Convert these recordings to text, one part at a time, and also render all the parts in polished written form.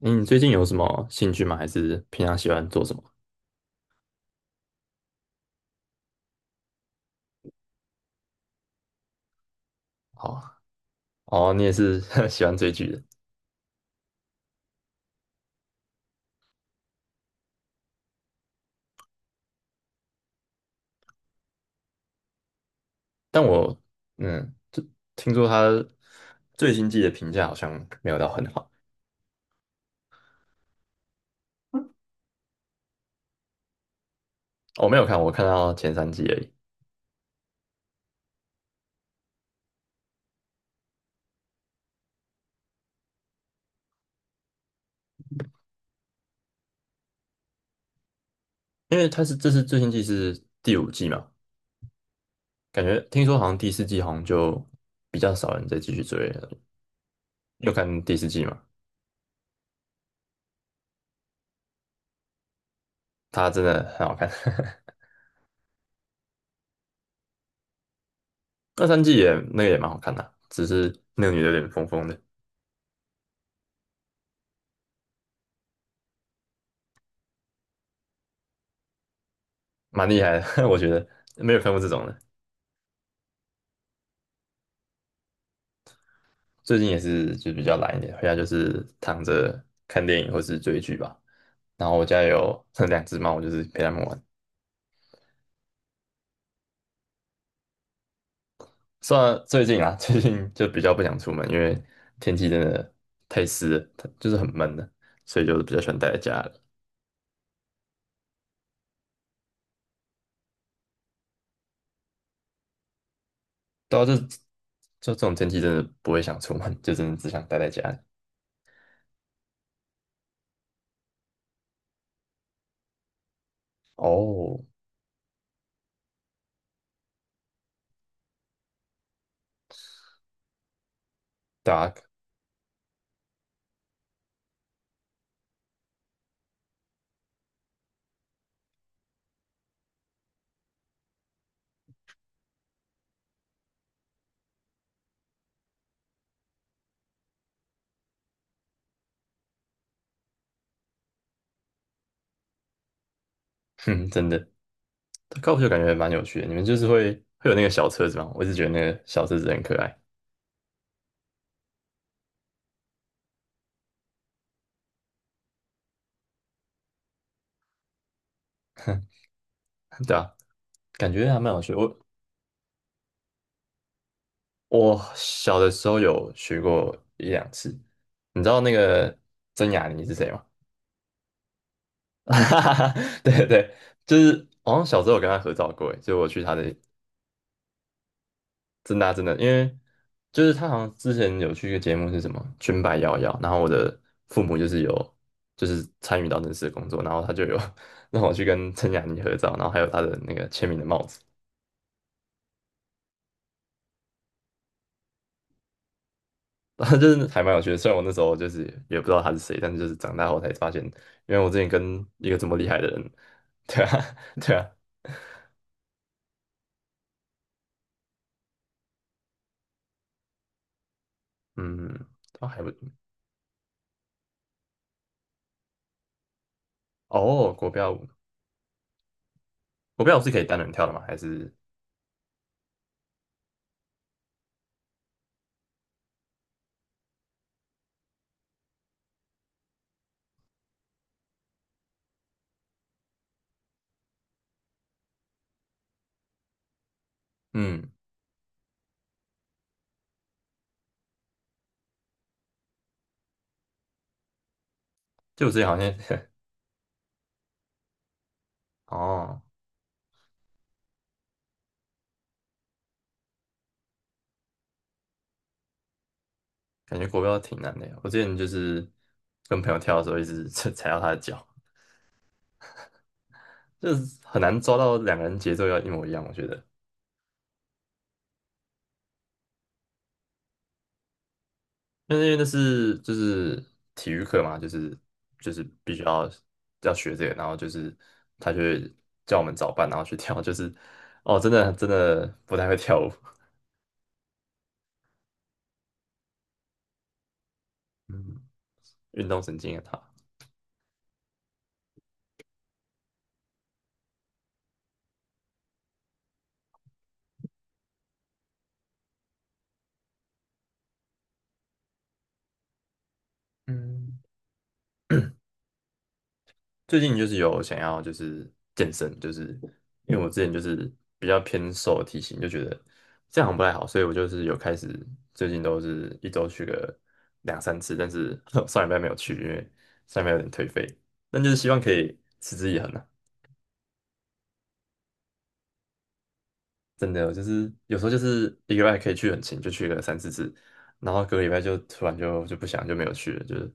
嗯你最近有什么兴趣吗？还是平常喜欢做什么？哦哦，你也是 喜欢追剧的。但我就听说他最新季的评价好像没有到很好。我没有看，我看到前三季而已。因为这是最新季是第五季嘛，感觉听说好像第四季好像就比较少人再继续追了。有看第四季嘛？它真的很好看，二三季也那个也蛮好看的啊，只是那个女的有点疯疯的。蛮厉害的，我觉得没有看过这种的。最近也是就比较懒一点，回家就是躺着看电影或是追剧吧。然后我家有 两只猫，我就是陪它们玩。虽然最近啊，最近就比较不想出门，因为天气真的太湿了，它就是很闷的，所以就比较喜欢待在家里。对啊，就这种天气真的不会想出门，就真的只想待在家里。哦，对啊。哼，真的，高尔夫球感觉蛮有趣的。你们就是会有那个小车子吗？我一直觉得那个小车子很可爱。对啊，感觉还蛮有趣的。我小的时候有学过一两次，你知道那个曾雅妮是谁吗？哈哈哈，对对，就是好像小时候有跟她合照过欸，诶就我去她的真的啊真的，因为就是她好像之前有去一个节目是什么《裙摆摇摇》，然后我的父母就是参与到那次的工作，然后他就有 让我去跟曾雅妮合照，然后还有她的那个签名的帽子。就是还蛮有趣的。虽然我那时候就是也不知道他是谁，但是就是长大后才发现，因为我之前跟一个这么厉害的人，对啊，对啊，嗯，他还不哦，国标舞。国标舞是可以单人跳的吗？还是嗯，就我之前好像 哦，感觉国标挺难的呀。我之前就是跟朋友跳的时候，一直 踩到他的脚，就是很难抓到两个人节奏要一模一样，我觉得。那因为那是就是体育课嘛，就是必须要学这个，然后就是他就会叫我们早班，然后去跳，就是哦，真的真的不太会跳舞。嗯，运动神经很他。嗯。最近就是有想要就是健身，就是因为我之前就是比较偏瘦的体型，就觉得这样好像不太好，所以我就是有开始最近都是一周去个两三次，但是 上礼拜没有去，因为上礼拜有点颓废，但就是希望可以持之以恒啊。真的就是有时候就是一个礼拜可以去很勤，就去个三四次，然后隔个礼拜就突然就不想就没有去了，就是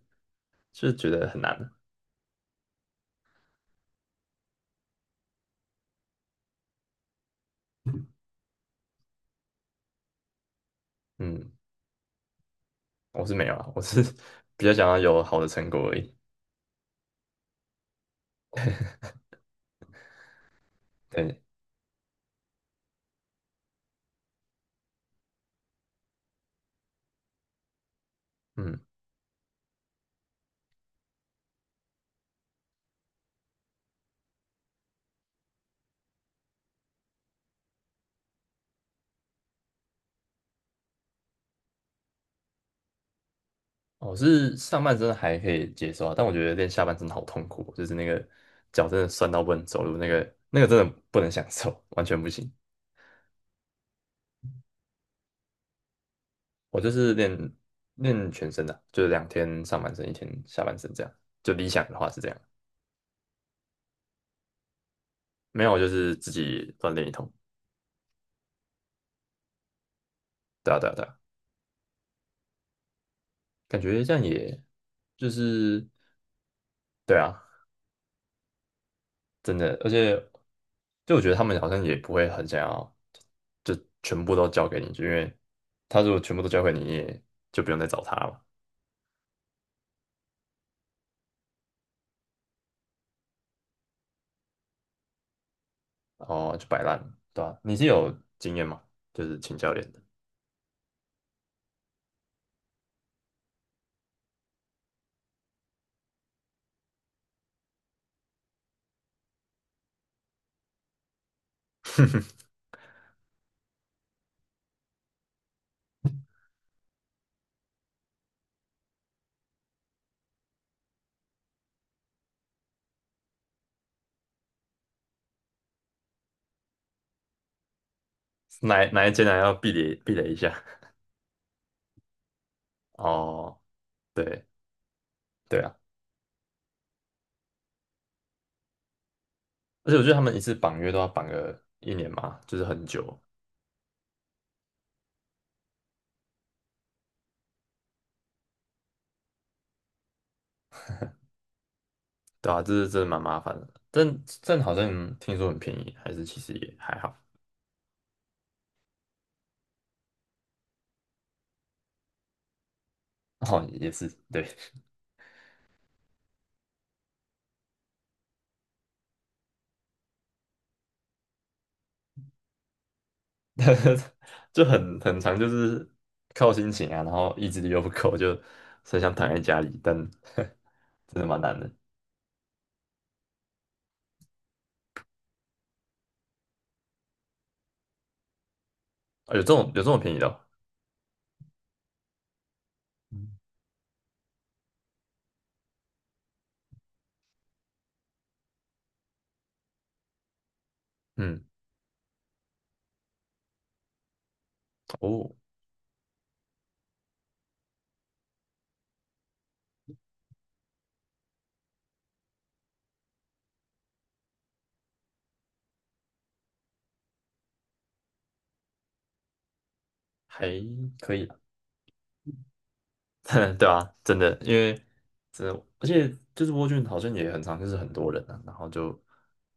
就是觉得很难啊。嗯，我是没有啊，我是 比较想要有好的成果而已。对。嗯。我是上半身还可以接受啊，但我觉得练下半身好痛苦哦就是那个脚真的酸到不能走路，那个真的不能享受，完全不行。我就是练全身的啊，就是两天上半身，一天下半身这样。就理想的话是这样。没有我就是自己锻炼一通。对啊，对啊，对啊，感觉这样也就是对啊。真的，而且就我觉得他们好像也不会很想要，就全部都交给你，就因为他如果全部都交给你，你也就不用再找他了嘛。哦，就摆烂。对吧、你是有经验吗？就是请教练的。哪一间还要避雷避雷一下？哦，对。对啊，而且我觉得他们一次绑约都要绑个一年嘛，就是很久。对啊，这是真的蛮麻烦的。但好像听说很便宜，还是其实也还好。哦，也是对。就很长，就是靠心情啊，然后意志力又不够，就很想躺在家里，但 真的蛮难的。啊，有这种便宜的哦。嗯，哦，还可以。对啊，真的，真的，而且就是蜗苣好像也很常，就是很多人啊，然后就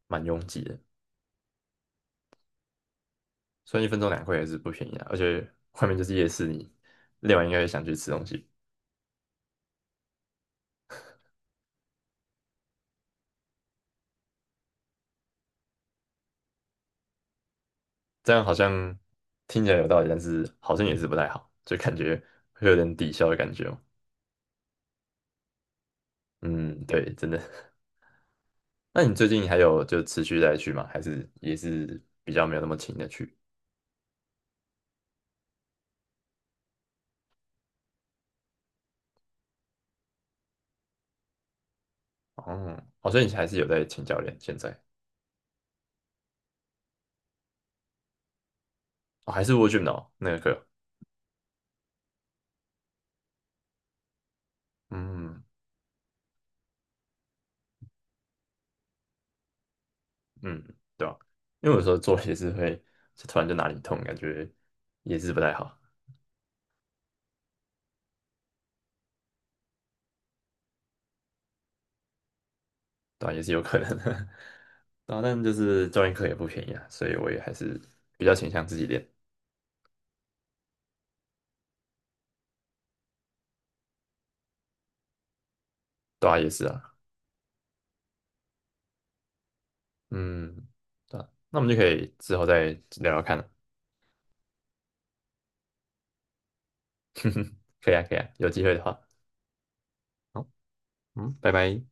蛮拥挤的，所以一分钟2块也是不便宜啊，而且外面就是夜市，你练完应该也想去吃东西，这样好像听起来有道理，但是好像也是不太好，就感觉会有点抵消的感觉哦。嗯，对，真的。那你最近还有就持续在去吗？还是也是比较没有那么勤的去？哦，好像你还是有在请教练现在。哦，还是蜗苣哦，那个课。嗯嗯，对啊，因为有时候做也是会，就突然就哪里痛，感觉也是不太好。对啊，也是有可能的。对啊，但就是教练课也不便宜啊，所以我也还是比较倾向自己练。对啊，也是啊。嗯，对啊，那我们就可以之后再聊聊看了。可以啊，可以啊，有机会的话，好。嗯，拜拜。